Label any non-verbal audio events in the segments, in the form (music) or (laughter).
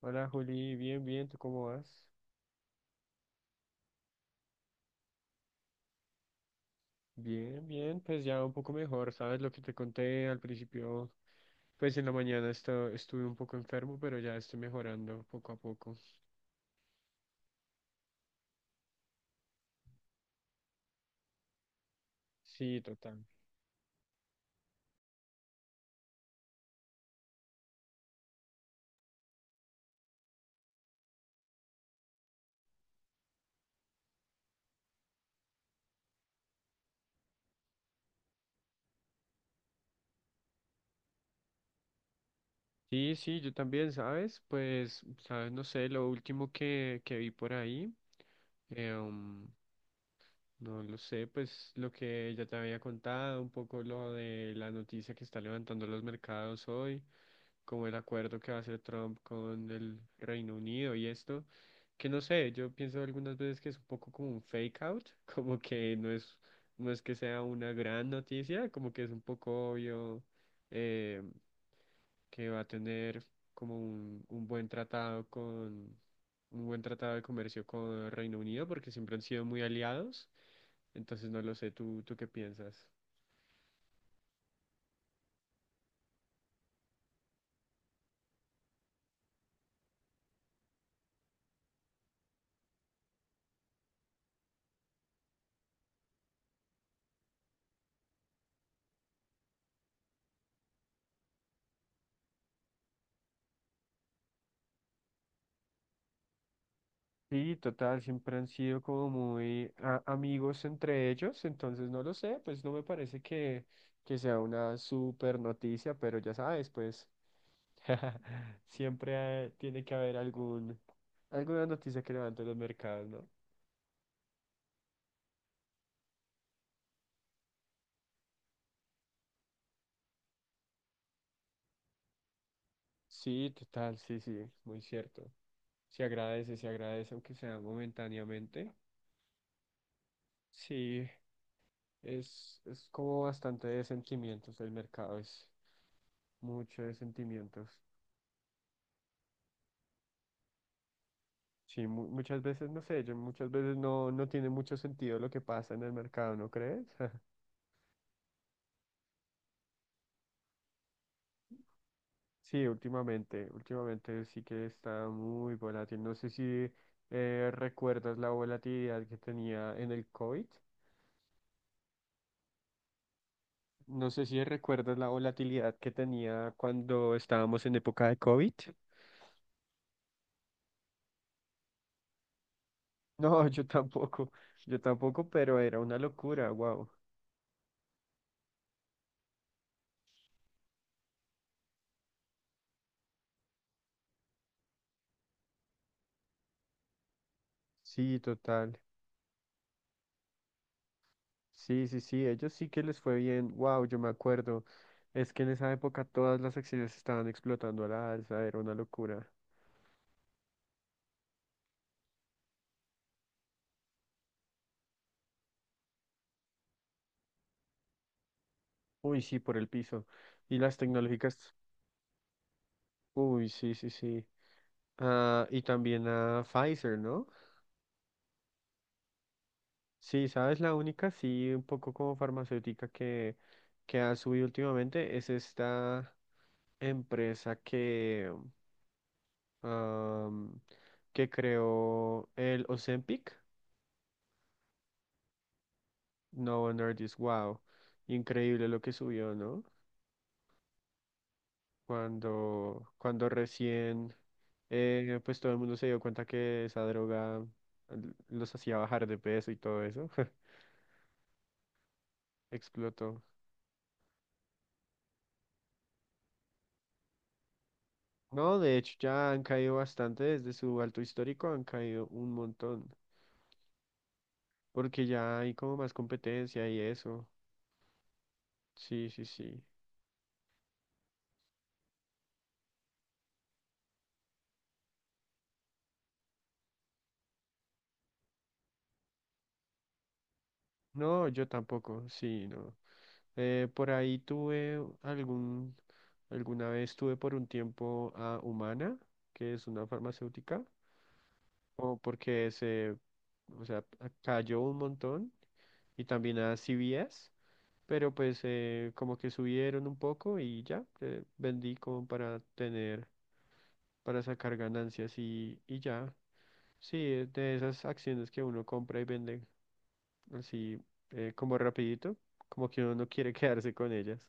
Hola Juli, bien, bien, ¿tú cómo vas? Bien, bien, pues ya un poco mejor, ¿sabes lo que te conté al principio? Pues en la mañana estuve un poco enfermo, pero ya estoy mejorando poco a poco. Sí, total. Sí, sí, yo también, ¿sabes? Pues, ¿sabes? No sé, lo último que vi por ahí, eh, um, no lo sé, pues lo que ya te había contado, un poco lo de la noticia que está levantando los mercados hoy. Como el acuerdo que va a hacer Trump con el Reino Unido y esto, que no sé, yo pienso algunas veces que es un poco como un fake out, (laughs) como que no es, no es que sea una gran noticia, como que es un poco obvio, eh, que va a tener como un buen tratado con, un buen tratado de comercio con el Reino Unido, porque siempre han sido muy aliados, entonces no lo sé, ¿tú qué piensas? Sí, total, siempre han sido como muy amigos entre ellos, entonces no lo sé, pues no me parece que sea una super noticia, pero ya sabes, pues (laughs) siempre, tiene que haber alguna noticia que levante los mercados, ¿no? Sí, total, sí, sí, muy cierto. Se agradece, aunque sea momentáneamente. Sí, es como bastante de sentimientos, el mercado es mucho de sentimientos. Sí, muchas veces, no sé, yo muchas veces no tiene mucho sentido lo que pasa en el mercado, ¿no crees? (laughs) Sí, últimamente, últimamente sí que está muy volátil. No sé si, recuerdas la volatilidad que tenía en el COVID. No sé si recuerdas la volatilidad que tenía cuando estábamos en época de COVID. (laughs) No, yo tampoco, pero era una locura, wow. Sí, total. Sí, sí, sí, ellos sí que les fue bien. Wow, yo me acuerdo. Es que en esa época todas las acciones estaban explotando a la alza, era una locura. Uy, sí, por el piso. Y las tecnológicas, uy, sí, sí, sí. Ah, y también a Pfizer, ¿no? Sí, sabes, la única, sí, un poco como farmacéutica que ha subido últimamente es esta empresa am, que creó el Ozempic. No, Novo Nordisk, wow, increíble lo que subió, ¿no? Cuando recién, pues todo el mundo se dio cuenta que esa droga los hacía bajar de peso y todo eso, (laughs) explotó. No, de hecho ya han caído bastante desde su alto histórico, han caído un montón, porque ya hay como más competencia y eso. Sí, sí, sí. No, yo tampoco, sí, no. Por ahí tuve algún, alguna vez tuve por un tiempo a Humana, que es una farmacéutica, o porque se, o sea, cayó un montón, y también a CVS, pero pues, como que subieron un poco y ya, vendí como para tener, para sacar ganancias y ya. Sí, de esas acciones que uno compra y vende así, como rapidito, como que uno no quiere (laughs) quedarse con ellas.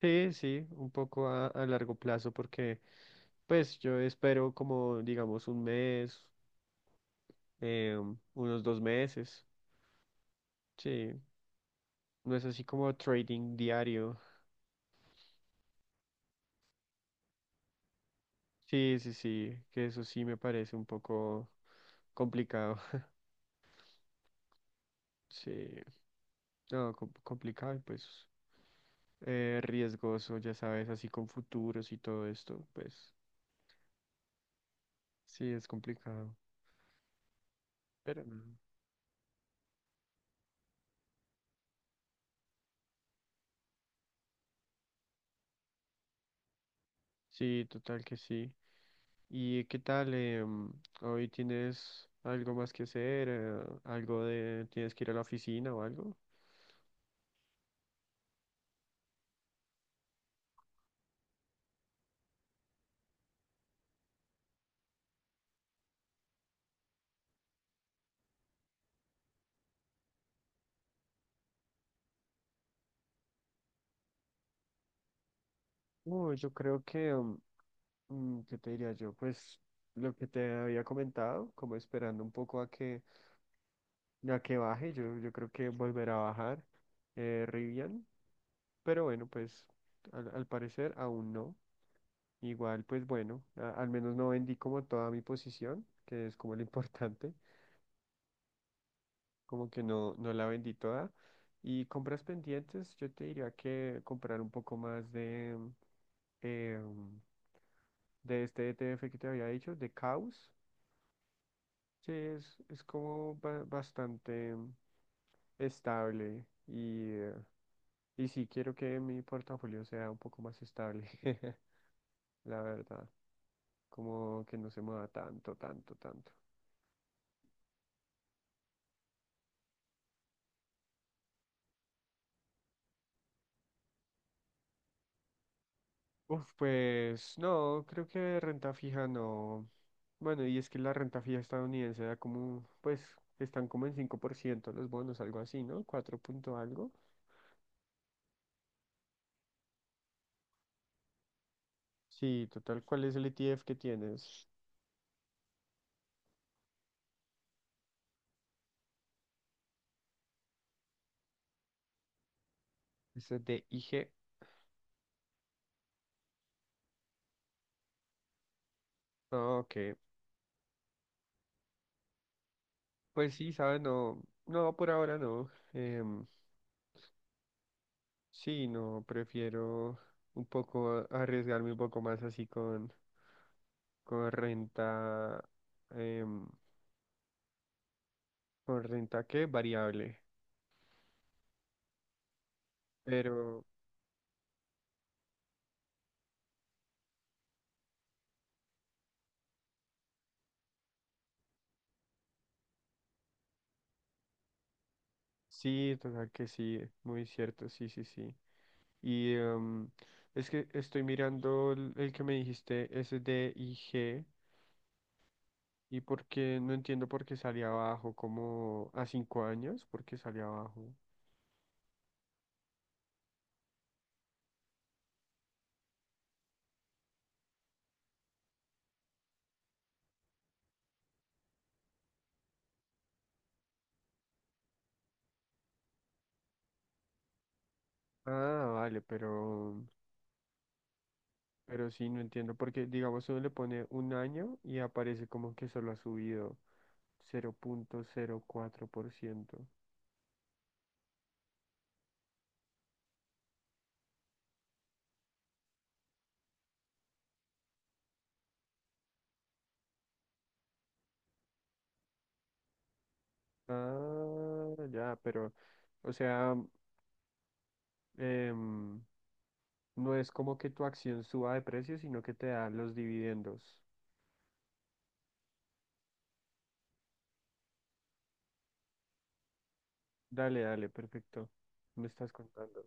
Sí, sí, un poco a largo plazo porque pues yo espero como digamos un mes, eh, unos 2 meses. Sí, no es así como trading diario. Sí, sí, sí, que eso sí me parece un poco complicado. (laughs) Sí, no, complicado y pues, riesgoso, ya sabes, así con futuros y todo esto, pues sí, es complicado. Pero no. Sí, total que sí. ¿Y qué tal? ¿Hoy tienes algo más que hacer? ¿Tienes que ir a la oficina o algo? No, yo creo que, ¿qué te diría yo? Pues lo que te había comentado, como esperando un poco a que baje, yo creo que volverá a bajar, Rivian, pero bueno, pues al parecer aún no. Igual, pues bueno, al menos no vendí como toda mi posición, que es como lo (laughs) importante. Como que no la vendí toda. Y compras pendientes, yo te diría que comprar un poco más eh, de este ETF que te había dicho, de Caos. Sí, es como bastante, estable y sí quiero que mi portafolio sea un poco más estable, (laughs) la verdad. Como que no se mueva tanto, tanto, tanto. Uf, pues no, creo que renta fija no. Bueno, y es que la renta fija estadounidense da como, pues, están como en 5% los bonos, algo así, ¿no? Cuatro punto algo. Sí, total, ¿cuál es el ETF que tienes? Ese es el de IG. Ah, ok. Pues sí, ¿sabes? No, no, por ahora no. Sí, no, prefiero un poco arriesgarme un poco más así con renta, em, con renta, ¿qué? Variable. Pero sí, total que sí, muy cierto, sí, sí, sí. Y es que estoy mirando el que me dijiste, SDIG, y porque no entiendo por qué salía abajo, como a 5 años, por qué salía abajo. Ah, vale, pero, sí, no entiendo, porque digamos si uno le pone un año y aparece como que solo ha subido 00,04%. Ah, ya, pero, o sea, em, no es como que tu acción suba de precio, sino que te da los dividendos. Dale, dale, perfecto. Me estás contando.